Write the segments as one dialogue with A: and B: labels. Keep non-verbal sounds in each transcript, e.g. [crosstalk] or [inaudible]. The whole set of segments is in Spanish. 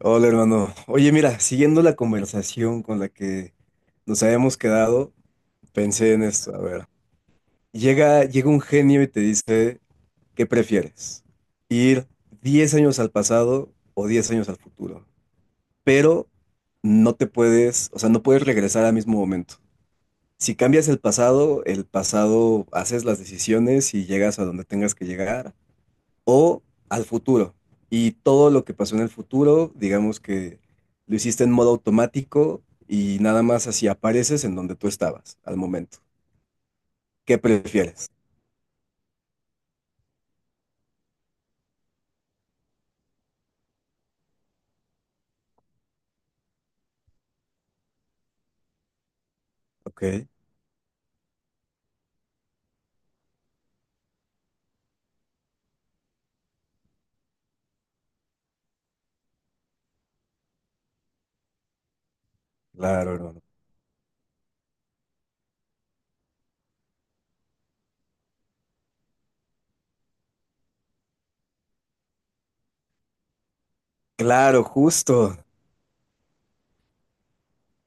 A: Hola, hermano. Oye, mira, siguiendo la conversación con la que nos habíamos quedado, pensé en esto. A ver, llega un genio y te dice, ¿qué prefieres? ¿Ir 10 años al pasado o 10 años al futuro? Pero no te puedes, o sea, no puedes regresar al mismo momento. Si cambias el pasado, haces las decisiones y llegas a donde tengas que llegar o al futuro. Y todo lo que pasó en el futuro, digamos que lo hiciste en modo automático y nada más así apareces en donde tú estabas al momento. ¿Qué prefieres? Ok, claro, hermano. Claro, justo.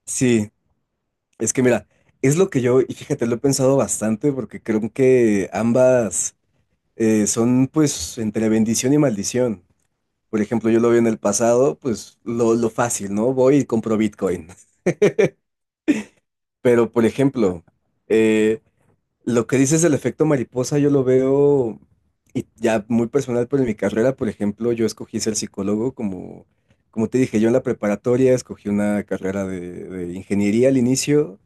A: Sí, es que mira, es lo que yo, y fíjate, lo he pensado bastante porque creo que ambas son pues entre bendición y maldición. Por ejemplo, yo lo vi en el pasado, pues lo fácil, ¿no? Voy y compro Bitcoin. [laughs] Pero, por ejemplo, eh, Lo que dices del efecto mariposa, yo lo veo y ya muy personal, pero en mi carrera, por ejemplo, yo escogí ser psicólogo como te dije, yo en la preparatoria escogí una carrera de ingeniería al inicio,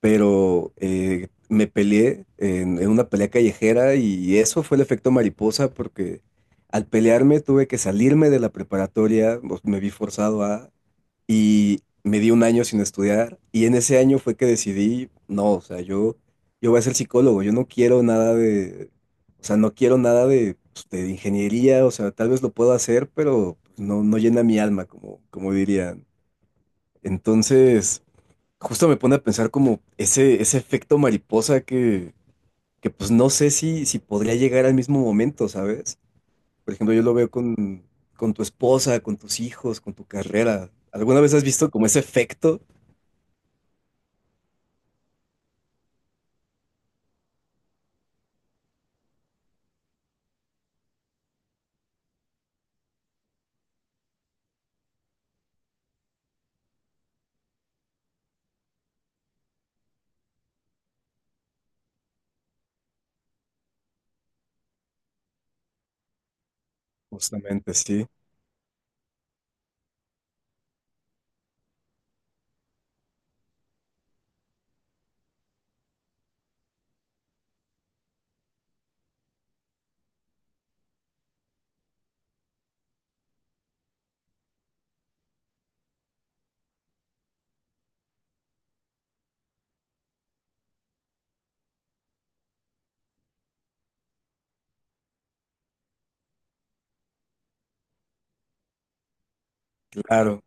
A: pero me peleé en una pelea callejera y eso fue el efecto mariposa porque al pelearme tuve que salirme de la preparatoria, me vi forzado a y me di un año sin estudiar y en ese año fue que decidí, no, o sea, yo voy a ser psicólogo, yo no quiero nada de, o sea, no quiero nada de, pues, de ingeniería, o sea, tal vez lo puedo hacer, pero pues, no, no llena mi alma, como, como dirían. Entonces, justo me pone a pensar como ese efecto mariposa que pues no sé si podría llegar al mismo momento, ¿sabes? Por ejemplo, yo lo veo con tu esposa, con tus hijos, con tu carrera. ¿Alguna vez has visto como ese efecto? Justamente, sí, claro,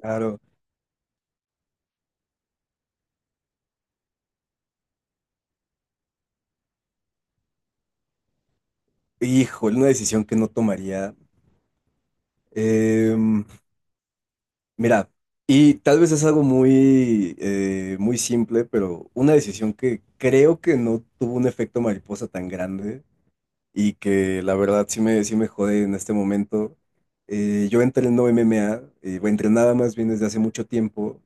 A: claro. Híjole, una decisión que no tomaría. Em, Mira, y tal vez es algo muy, muy simple, pero una decisión que creo que no tuvo un efecto mariposa tan grande y que la verdad sí me jode en este momento. Yo entreno MMA, bueno, entrenaba más bien desde hace mucho tiempo.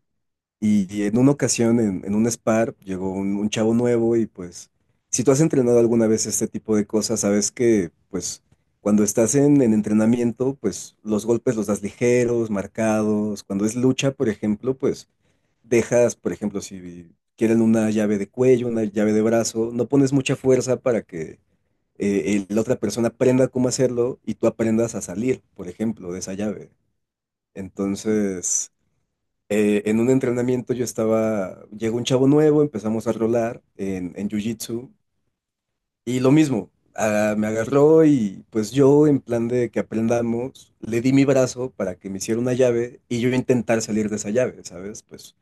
A: Y en una ocasión, en un spar, llegó un chavo nuevo y pues, si tú has entrenado alguna vez este tipo de cosas, sabes que pues cuando estás en entrenamiento, pues los golpes los das ligeros, marcados. Cuando es lucha, por ejemplo, pues dejas, por ejemplo, si quieren una llave de cuello, una llave de brazo, no pones mucha fuerza para que la otra persona aprenda cómo hacerlo y tú aprendas a salir, por ejemplo, de esa llave. Entonces en un entrenamiento yo estaba, llegó un chavo nuevo, empezamos a rolar en Jiu-Jitsu y lo mismo, ah, me agarró y pues yo en plan de que aprendamos, le di mi brazo para que me hiciera una llave y yo intentar salir de esa llave, ¿sabes? Pues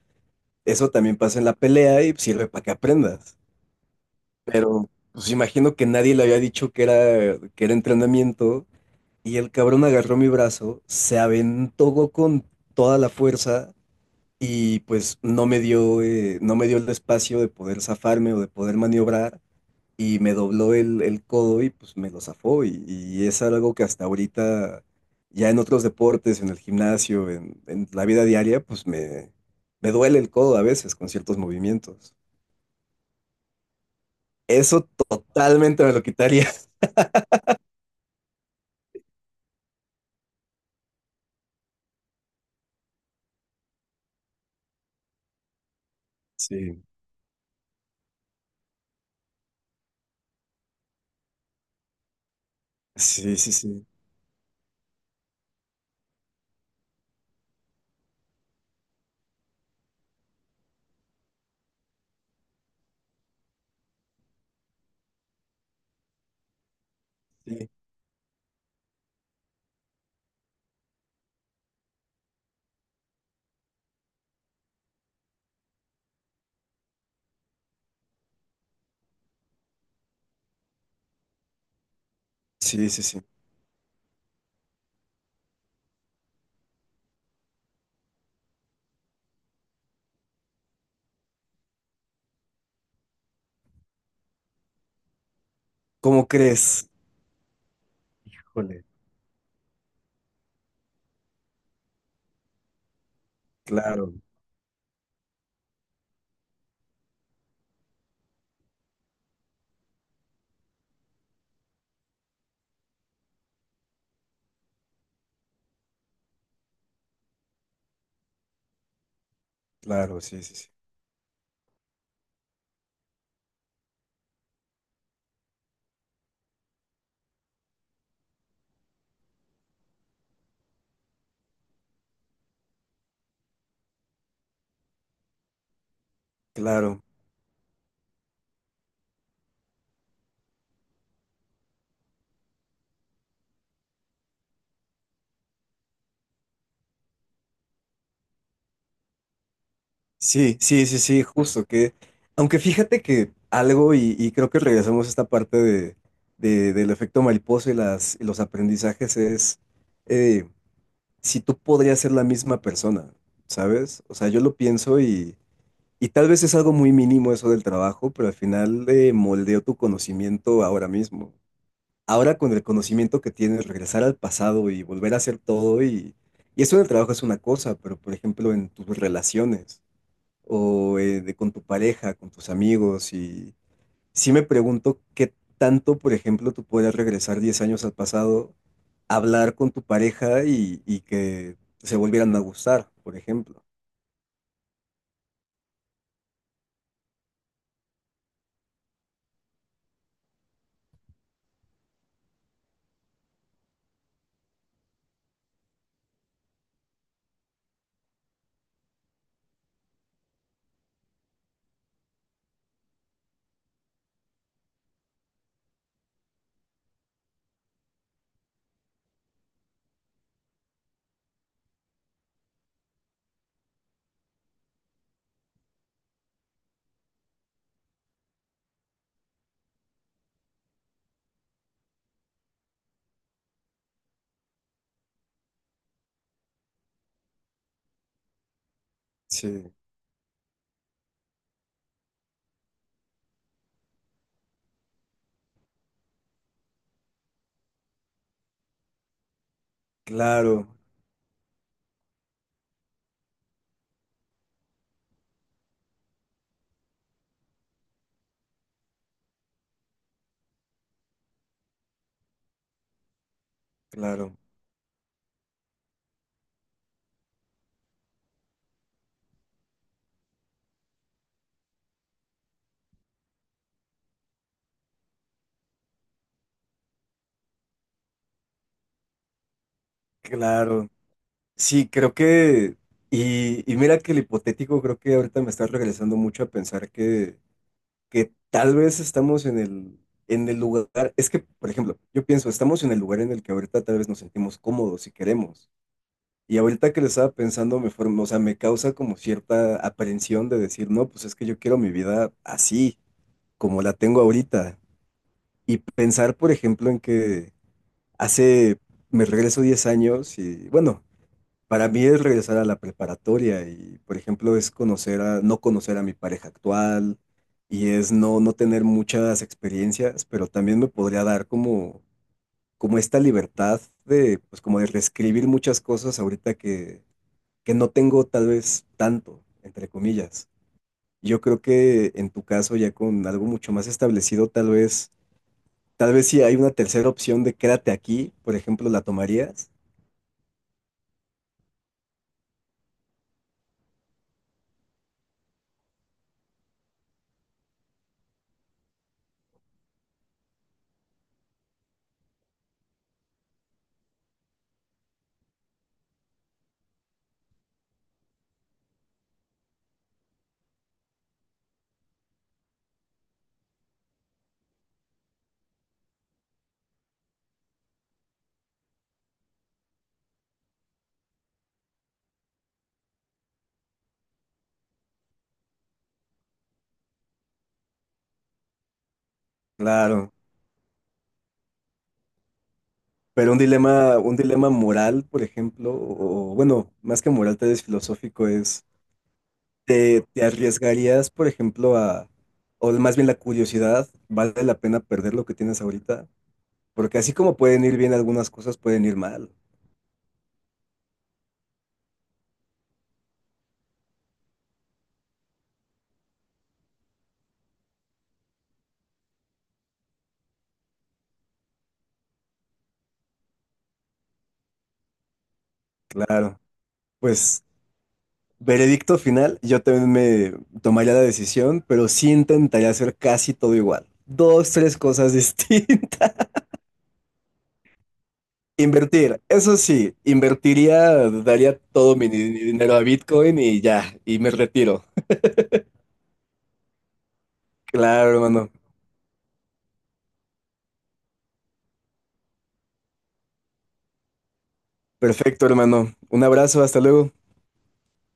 A: eso también pasa en la pelea y sirve para que aprendas. Pero pues imagino que nadie le había dicho que era entrenamiento y el cabrón agarró mi brazo, se aventó con toda la fuerza y pues no me dio el espacio de poder zafarme o de poder maniobrar y me dobló el codo y pues me lo zafó y es algo que hasta ahorita ya en otros deportes, en el gimnasio, en la vida diaria, pues me duele el codo a veces con ciertos movimientos. Eso totalmente me lo quitaría. [laughs] Sí, sí, sí, sí, sí, sí, sí, sí. ¿Cómo crees? Híjole, claro, claro, sí, sí, sí, claro. Sí, sí, sí, sí, justo que, aunque fíjate que algo, y creo que regresamos a esta parte del efecto mariposa y las, y los aprendizajes, es eh, si tú podrías ser la misma persona, ¿sabes? O sea, yo lo pienso y tal vez es algo muy mínimo eso del trabajo, pero al final moldeó tu conocimiento ahora mismo. Ahora con el conocimiento que tienes, regresar al pasado y volver a hacer todo y eso del trabajo es una cosa, pero por ejemplo en tus relaciones o de con tu pareja, con tus amigos. Y sí me pregunto qué tanto, por ejemplo, tú puedes regresar 10 años al pasado, hablar con tu pareja y que se volvieran a gustar, por ejemplo. Sí, claro, claro, claro. Sí, creo que, y mira que el hipotético, creo que ahorita me está regresando mucho a pensar que tal vez estamos en el lugar, es que, por ejemplo, yo pienso, estamos en el lugar en el que ahorita tal vez nos sentimos cómodos y queremos. Y ahorita que lo estaba pensando, o sea, me causa como cierta aprehensión de decir, no, pues es que yo quiero mi vida así, como la tengo ahorita. Y pensar, por ejemplo, en que hace, me regreso 10 años y, bueno, para mí es regresar a la preparatoria y, por ejemplo, es conocer a, no conocer a mi pareja actual y es no, no tener muchas experiencias, pero también me podría dar como esta libertad de, pues como de reescribir muchas cosas ahorita que no tengo tal vez tanto, entre comillas. Yo creo que en tu caso, ya con algo mucho más establecido, tal vez si hay una tercera opción de quédate aquí, por ejemplo, ¿la tomarías? Claro. Pero un dilema moral, por ejemplo, o bueno, más que moral, tal vez filosófico, es, ¿te arriesgarías, por ejemplo, o más bien la curiosidad, ¿vale la pena perder lo que tienes ahorita? Porque así como pueden ir bien algunas cosas, pueden ir mal. Claro. Pues, veredicto final, yo también me tomaría la decisión, pero sí intentaría hacer casi todo igual. Dos, tres cosas [laughs] distintas. Invertir, eso sí, invertiría, daría todo mi dinero a Bitcoin y ya, y me retiro. Claro, hermano. Perfecto, hermano. Un abrazo, hasta luego.